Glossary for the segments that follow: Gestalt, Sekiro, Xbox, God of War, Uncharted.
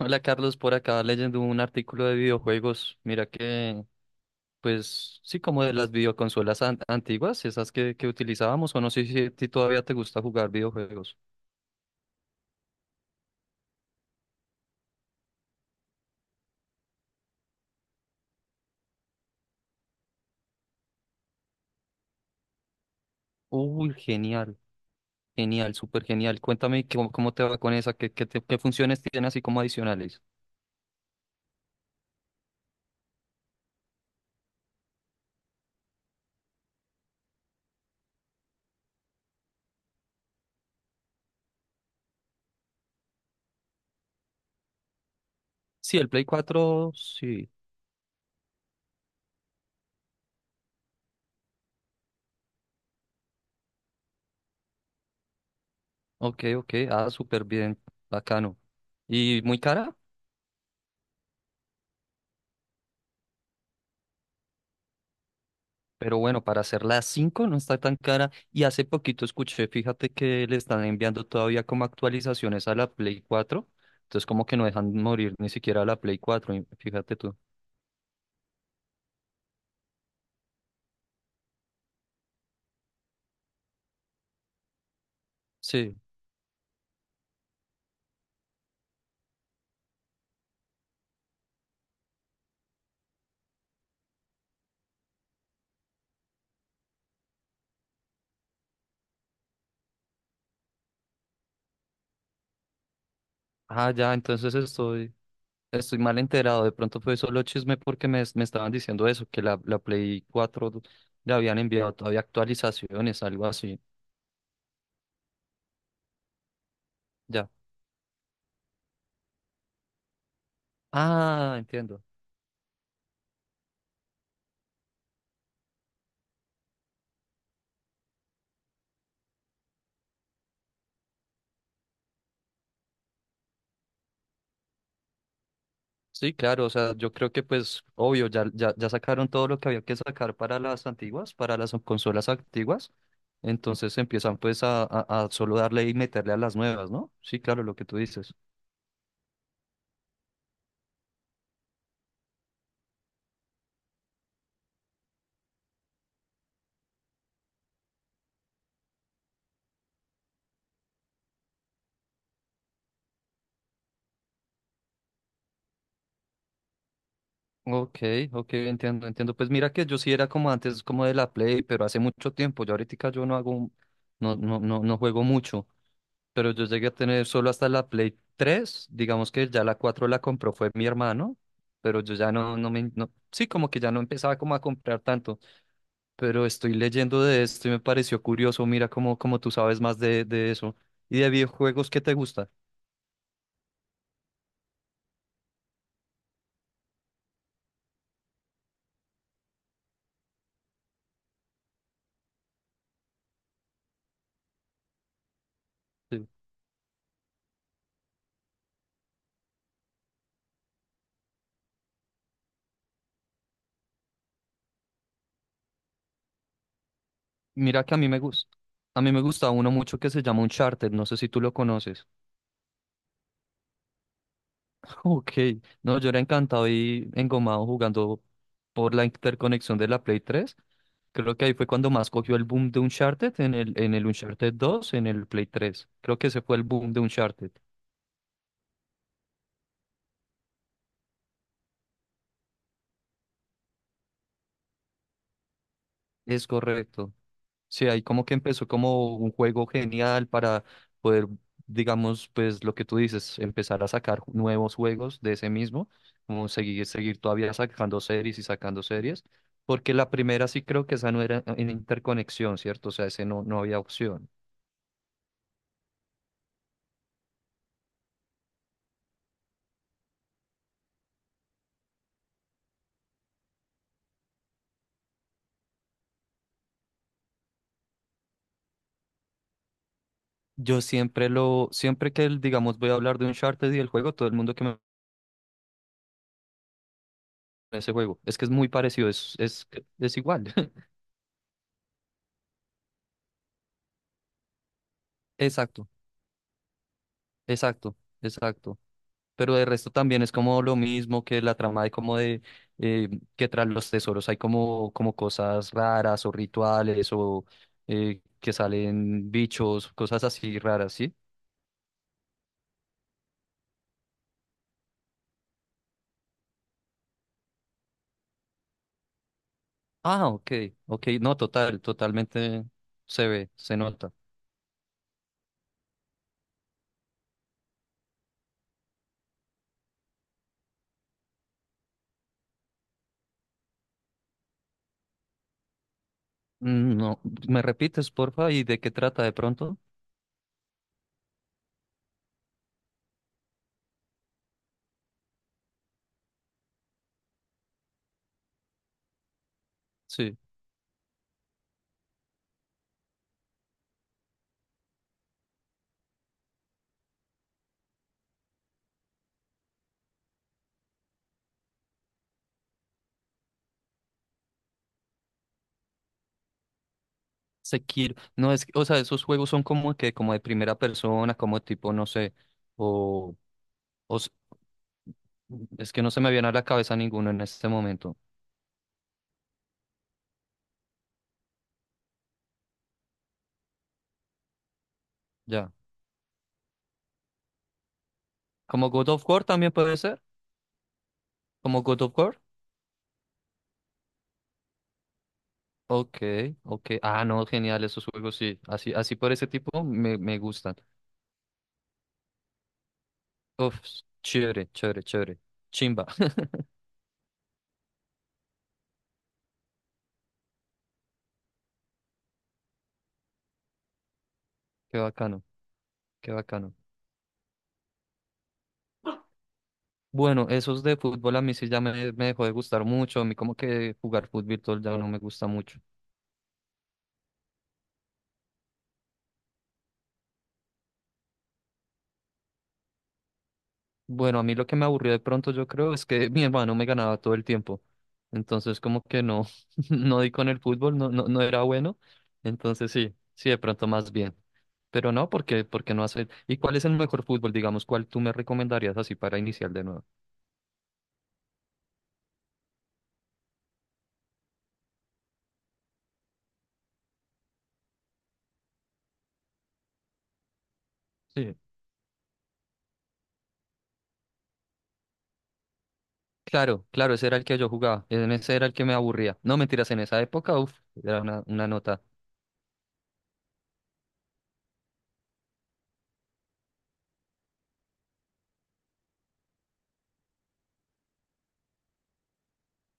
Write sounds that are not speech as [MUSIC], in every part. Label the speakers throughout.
Speaker 1: Hola Carlos, por acá leyendo un artículo de videojuegos. Mira que, pues sí, como de las videoconsolas antiguas, esas que utilizábamos, o no sé si a ti todavía te gusta jugar videojuegos. Uy, genial, genial, súper genial. Cuéntame cómo te va con esa, qué funciones tiene así como adicionales. Sí, el Play cuatro, sí. Ok, ok, ah, súper bien, bacano. ¿Y muy cara? Pero bueno, para hacer las 5 no está tan cara. Y hace poquito escuché, fíjate que le están enviando todavía como actualizaciones a la Play cuatro. Entonces como que no dejan morir ni siquiera la Play cuatro y fíjate tú. Sí. Ah, ya, estoy mal enterado. De pronto fue solo chisme porque me estaban diciendo eso, que la Play 4 le habían enviado todavía actualizaciones, algo así. Ya. Ah, entiendo. Sí, claro, o sea, yo creo que pues obvio, ya sacaron todo lo que había que sacar para las antiguas, para las consolas antiguas, entonces empiezan pues a solo darle y meterle a las nuevas, ¿no? Sí, claro, lo que tú dices. Ok, ok, entiendo, entiendo. Pues mira que yo sí era como antes, como de la Play, pero hace mucho tiempo, yo ahorita yo no hago, no, no, no, no juego mucho, pero yo llegué a tener solo hasta la Play 3, digamos que ya la 4 la compró fue mi hermano, pero yo ya no, no me, no, sí, como que ya no empezaba como a comprar tanto. Pero estoy leyendo de esto y me pareció curioso. Mira cómo tú sabes más de eso. ¿Y de videojuegos qué te gusta? Sí. Mira que a mí me gusta. A mí me gusta uno mucho que se llama Uncharted. No sé si tú lo conoces. [LAUGHS] Ok. No, yo era encantado y engomado jugando por la interconexión de la Play 3. Creo que ahí fue cuando más cogió el boom de Uncharted en el Uncharted 2, en el Play 3. Creo que ese fue el boom de Uncharted. Es correcto. Sí, ahí como que empezó como un juego genial para poder, digamos, pues lo que tú dices, empezar a sacar nuevos juegos de ese mismo, como seguir, seguir todavía sacando series y sacando series, porque la primera sí creo que esa no era en interconexión, ¿cierto? O sea, ese no había opción. Yo siempre que, digamos, voy a hablar de Uncharted y el juego, todo el mundo que me ese juego, es que es muy parecido, es igual. [LAUGHS] Exacto, exacto, exacto. Pero de resto también es como lo mismo que la trama de como de eh, que tras los tesoros hay como, como cosas raras o rituales o que salen bichos, cosas así raras, ¿sí? Ah, ok, ok, no, total, totalmente se ve, se nota. Mm, no, ¿me repites, porfa? ¿Y de qué trata de pronto? Sí. Sekiro, no es, que- o sea, esos juegos son como que, como de primera persona, como tipo, no sé, o O s- es que no se me viene a la cabeza ninguno en este momento. Ya. Como God of War también puede ser. Como God of War. Ok, ok. Ah, no, genial, esos juegos sí. Así, así por ese tipo me gustan. Uf, chévere, chévere, chévere. Chimba. [LAUGHS] Qué bacano, qué bacano. Bueno, esos de fútbol a mí sí ya me dejó de gustar mucho. A mí como que jugar fútbol ya no me gusta mucho. Bueno, a mí lo que me aburrió de pronto, yo creo, es que [LAUGHS] mi hermano me ganaba todo el tiempo. Entonces, como que no, [LAUGHS] no di con el fútbol, no era bueno. Entonces, sí, sí, de pronto más bien. Pero no, porque no hacer. ¿Y cuál es el mejor fútbol, digamos, cuál tú me recomendarías así para iniciar de nuevo? Sí. Claro, claro, ese era el que yo jugaba. En ese era el que me aburría. No, mentiras, en esa época, uff, era una nota.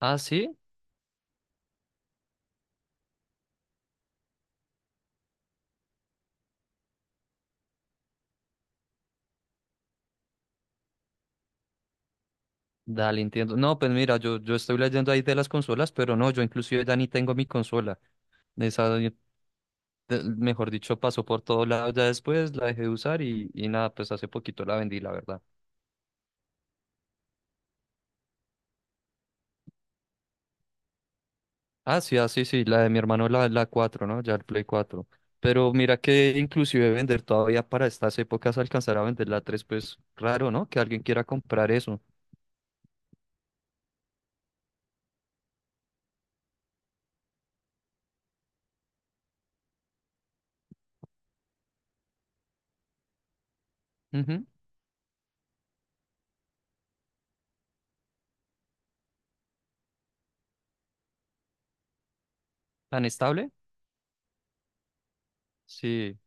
Speaker 1: Ah, sí, dale, entiendo. No, pues mira, yo estoy leyendo ahí de las consolas, pero no, yo inclusive ya ni tengo mi consola. Esa de- mejor dicho, pasó por todos lados ya después, la dejé de usar y nada, pues hace poquito la vendí, la verdad. Ah, sí, ah, sí, sí, la de mi hermano, la cuatro, ¿no? Ya el Play cuatro. Pero mira que inclusive vender todavía para estas épocas alcanzar a vender la tres pues raro, ¿no? Que alguien quiera comprar eso. Ujú. ¿Tan estable? Sí.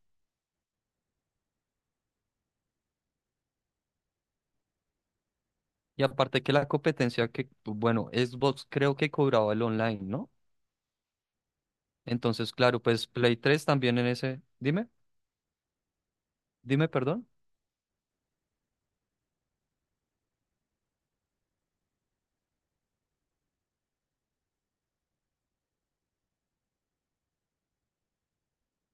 Speaker 1: Y aparte que la competencia que, bueno, Xbox creo que cobraba el online, ¿no? Entonces, claro, pues Play 3 también en ese... Dime, dime, perdón.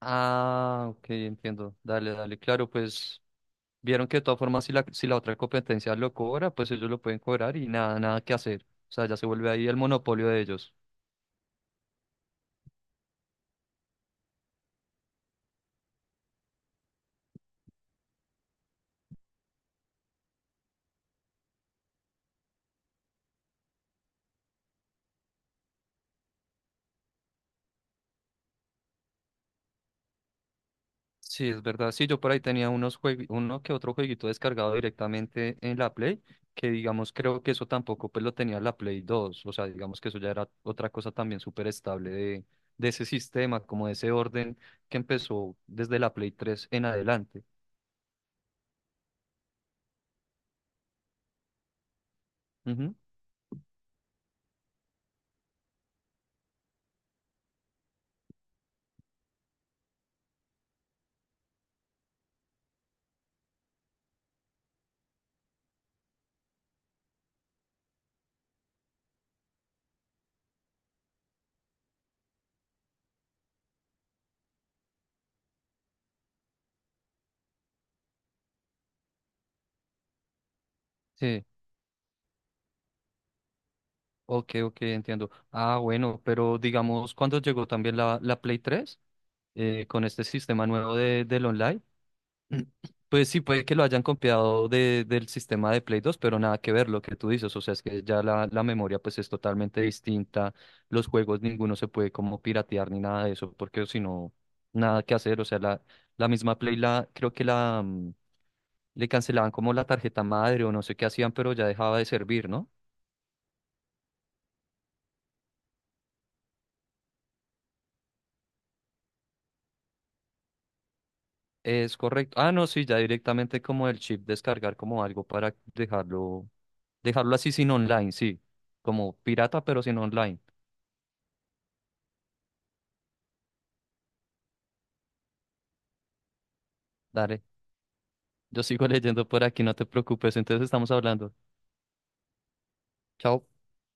Speaker 1: Ah, ok, entiendo. Dale, dale. Claro, pues vieron que de todas formas, si si la otra competencia lo cobra, pues ellos lo pueden cobrar y nada, nada que hacer. O sea, ya se vuelve ahí el monopolio de ellos. Sí, es verdad. Sí, yo por ahí tenía unos uno que otro jueguito descargado directamente en la Play, que digamos creo que eso tampoco pues lo tenía la Play dos. O sea, digamos que eso ya era otra cosa también súper estable de ese sistema, como de ese orden que empezó desde la Play tres en adelante. Ujú. Sí, ok, ok, entiendo. Ah, bueno, pero digamos, ¿cuándo llegó también la Play 3 con este sistema nuevo del online? [CLEARS THROAT] Pues sí, puede que lo hayan copiado del sistema de Play 2, pero nada que ver lo que tú dices. O sea, es que ya la memoria pues es totalmente distinta. Los juegos ninguno se puede como piratear ni nada de eso, porque si no, nada que hacer. O sea, la misma creo que la le cancelaban como la tarjeta madre o no sé qué hacían, pero ya dejaba de servir, ¿no? Es correcto. Ah, no, sí, ya directamente como el chip descargar como algo para dejarlo, dejarlo así sin online, sí. Como pirata, pero sin online. Dale, yo sigo [LAUGHS] leyendo por aquí, no te preocupes. Entonces estamos hablando. Chao.